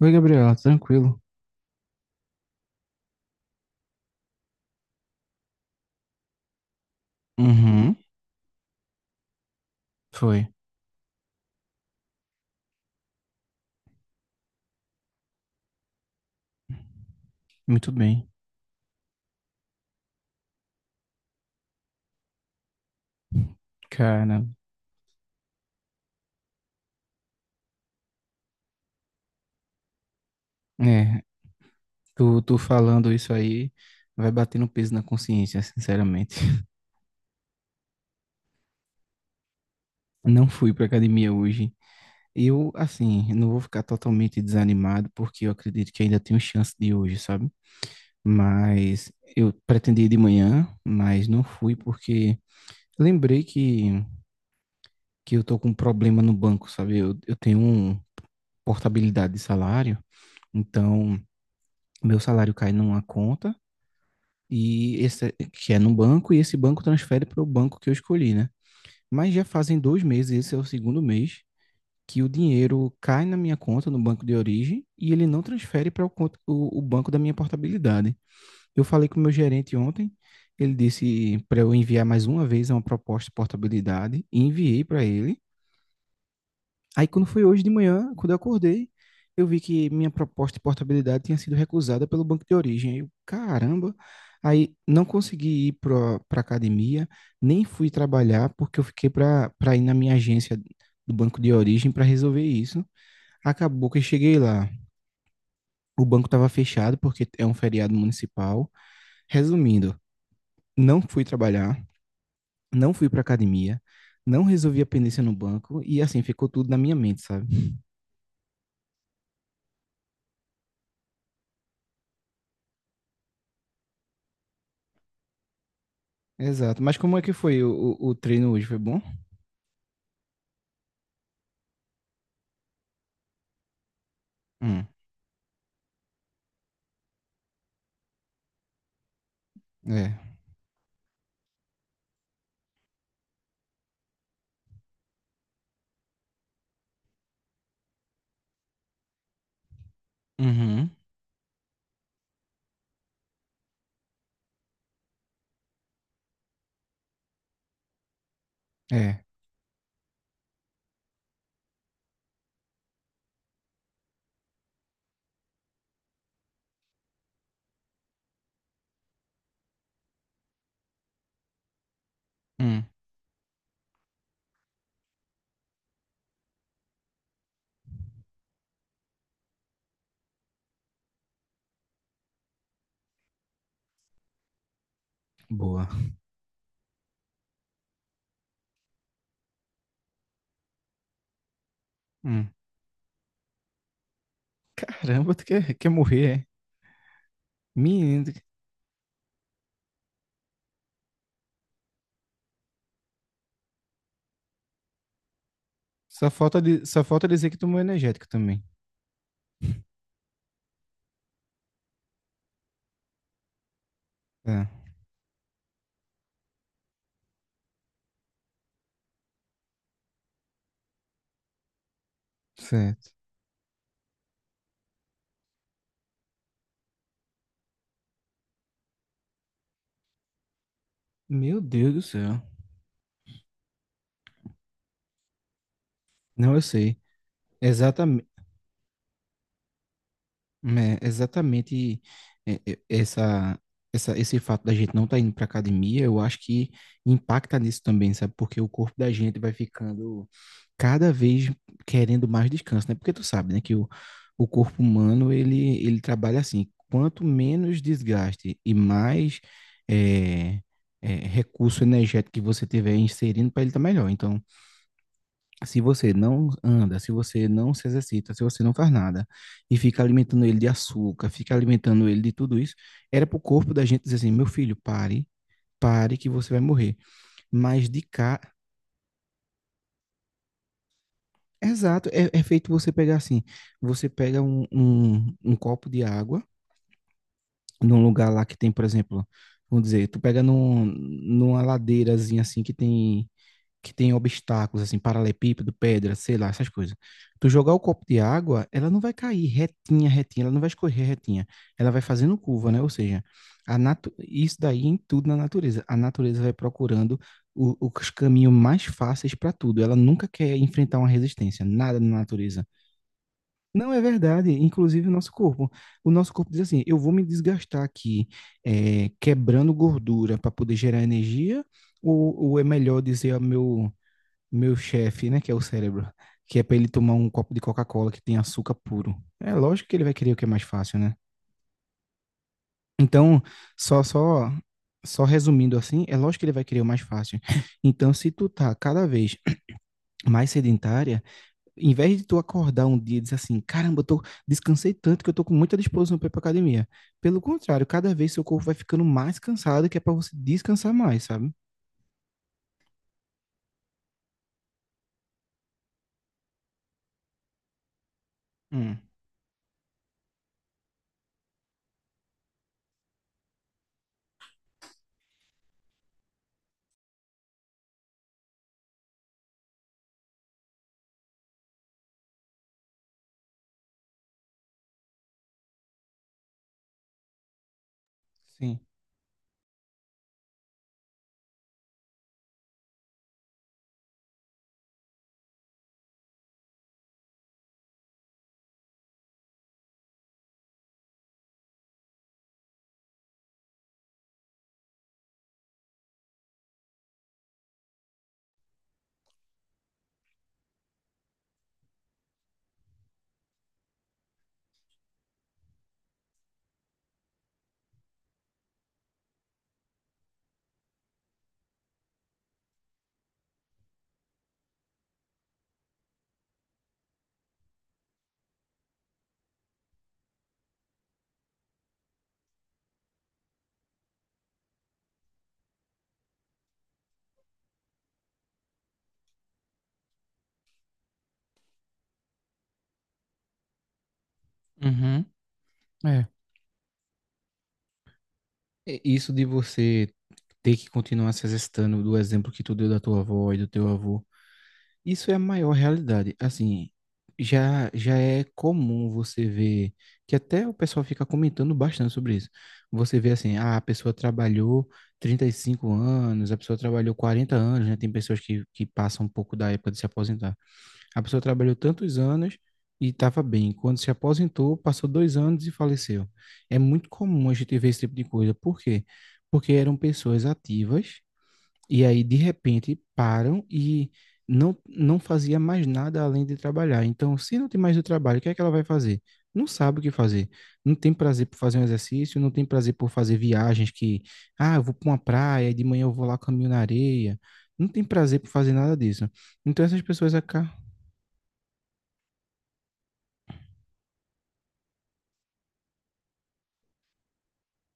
Oi, Gabriela, tranquilo? Uhum, foi. Muito bem. Cara, é, tu falando isso aí vai batendo peso na consciência, sinceramente. Não fui pra academia hoje. Eu, assim, não vou ficar totalmente desanimado, porque eu acredito que ainda tenho chance de hoje, sabe? Mas eu pretendia ir de manhã, mas não fui porque lembrei que eu tô com um problema no banco, sabe? Eu tenho um portabilidade de salário, então meu salário cai numa conta. E esse é, que é num banco e esse banco transfere para o banco que eu escolhi, né? Mas já fazem 2 meses, esse é o segundo mês, que o dinheiro cai na minha conta no banco de origem e ele não transfere para banco da minha portabilidade. Eu falei com o meu gerente ontem, ele disse para eu enviar mais uma vez uma proposta de portabilidade e enviei para ele. Aí quando foi hoje de manhã, quando eu acordei, eu vi que minha proposta de portabilidade tinha sido recusada pelo banco de origem. Aí eu, caramba! Aí não consegui ir para a academia, nem fui trabalhar, porque eu fiquei para ir na minha agência do banco de origem para resolver isso. Acabou que eu cheguei lá. O banco estava fechado porque é um feriado municipal. Resumindo, não fui trabalhar, não fui para academia, não resolvi a pendência no banco e assim ficou tudo na minha mente, sabe? Exato. Mas como é que foi o treino hoje? Foi bom? Hum, é. Uhum. É. Hum. Boa. Hum. Caramba, tu quer, quer morrer, é? Menino, só falta, só falta dizer que tomou energético também. É, certo. Meu Deus do céu. Não, eu sei. É exatamente é, é, esse fato da gente não estar indo para academia, eu acho que impacta nisso também, sabe? Porque o corpo da gente vai ficando cada vez querendo mais descanso, né? Porque tu sabe, né, que o corpo humano, ele trabalha assim, quanto menos desgaste e mais é, recurso energético que você tiver inserindo para ele estar melhor. Então, se você não anda, se você não se exercita, se você não faz nada e fica alimentando ele de açúcar, fica alimentando ele de tudo isso, era pro corpo da gente dizer assim: meu filho, pare, pare que você vai morrer. Mas de cá, exato, é, é feito você pegar assim: você pega um copo de água num lugar lá que tem, por exemplo, vamos dizer, tu pega numa ladeirazinha assim que tem obstáculos, assim, paralelepípedo, pedra, sei lá, essas coisas. Tu jogar o copo de água, ela não vai cair retinha, retinha, ela não vai escorrer retinha. Ela vai fazendo curva, né? Ou seja, isso daí em tudo na natureza. A natureza vai procurando os caminhos mais fáceis para tudo. Ela nunca quer enfrentar uma resistência, nada na natureza. Não é verdade, inclusive o nosso corpo. O nosso corpo diz assim: eu vou me desgastar aqui, quebrando gordura para poder gerar energia, ou é melhor dizer ao meu chefe, né, que é o cérebro, que é para ele tomar um copo de Coca-Cola que tem açúcar puro. É lógico que ele vai querer o que é mais fácil, né? Então, só só só resumindo assim, é lógico que ele vai querer o mais fácil. Então, se tu tá cada vez mais sedentária, em vez de tu acordar um dia e dizer assim, caramba, eu tô, descansei tanto que eu tô com muita disposição para ir pra academia. Pelo contrário, cada vez seu corpo vai ficando mais cansado, que é para você descansar mais, sabe? Hum, sim. Uhum. É. É, isso de você ter que continuar se exercitando do exemplo que tu deu da tua avó e do teu avô, isso é a maior realidade. Assim, já é comum você ver que até o pessoal fica comentando bastante sobre isso. Você vê assim, ah, a pessoa trabalhou 35 anos, a pessoa trabalhou 40 anos, né? Tem pessoas que passam um pouco da época de se aposentar. A pessoa trabalhou tantos anos e estava bem. Quando se aposentou, passou 2 anos e faleceu. É muito comum a gente ver esse tipo de coisa. Por quê? Porque eram pessoas ativas e aí, de repente, param e não fazia mais nada além de trabalhar. Então, se não tem mais o trabalho, o que é que ela vai fazer? Não sabe o que fazer. Não tem prazer por fazer um exercício, não tem prazer por fazer viagens que, ah, eu vou para uma praia, de manhã eu vou lá caminho na areia. Não tem prazer por fazer nada disso. Então, essas pessoas aca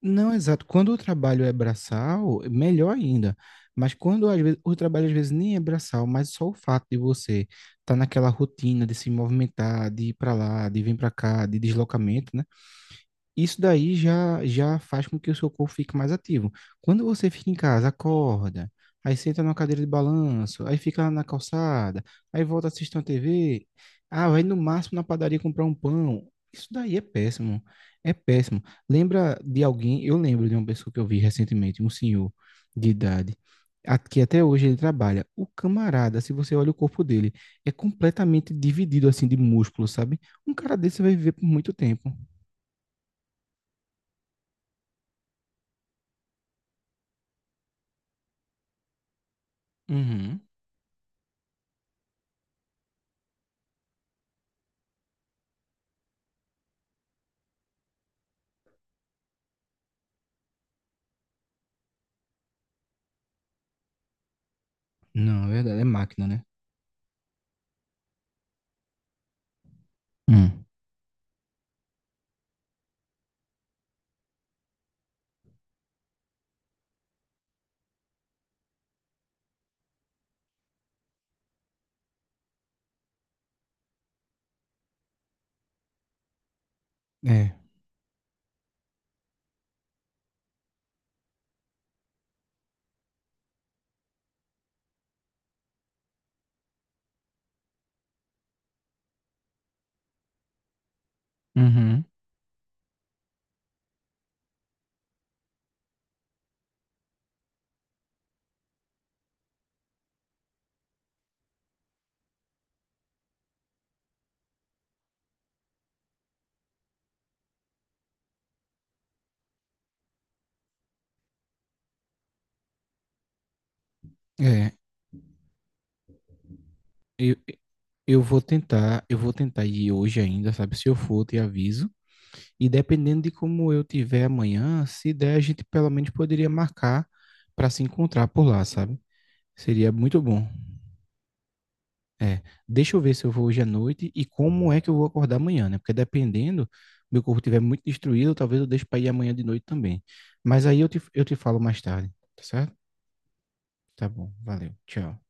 Não, exato. Quando o trabalho é braçal, melhor ainda. Mas quando às vezes, o trabalho às vezes nem é braçal, mas só o fato de você estar naquela rotina de se movimentar, de ir para lá, de vir para cá, de deslocamento, né? Isso daí já faz com que o seu corpo fique mais ativo. Quando você fica em casa, acorda, aí senta numa cadeira de balanço, aí fica na calçada, aí volta assistir uma TV, ah, vai no máximo na padaria comprar um pão. Isso daí é péssimo, é péssimo. Lembra de alguém, eu lembro de uma pessoa que eu vi recentemente, um senhor de idade, que até hoje ele trabalha. O camarada, se você olha o corpo dele, é completamente dividido assim de músculo, sabe? Um cara desse vai viver por muito tempo. Uhum. Não, é verdade, é máquina, né? Hum. É. Uhum. É. Eu, vou tentar, eu vou tentar ir hoje ainda, sabe? Se eu for, eu te aviso. E dependendo de como eu tiver amanhã, se der, a gente pelo menos poderia marcar para se encontrar por lá, sabe? Seria muito bom. É. Deixa eu ver se eu vou hoje à noite e como é que eu vou acordar amanhã, né? Porque dependendo, meu corpo estiver muito destruído, talvez eu deixe para ir amanhã de noite também. Mas aí eu eu te falo mais tarde, tá certo? Tá bom, valeu. Tchau.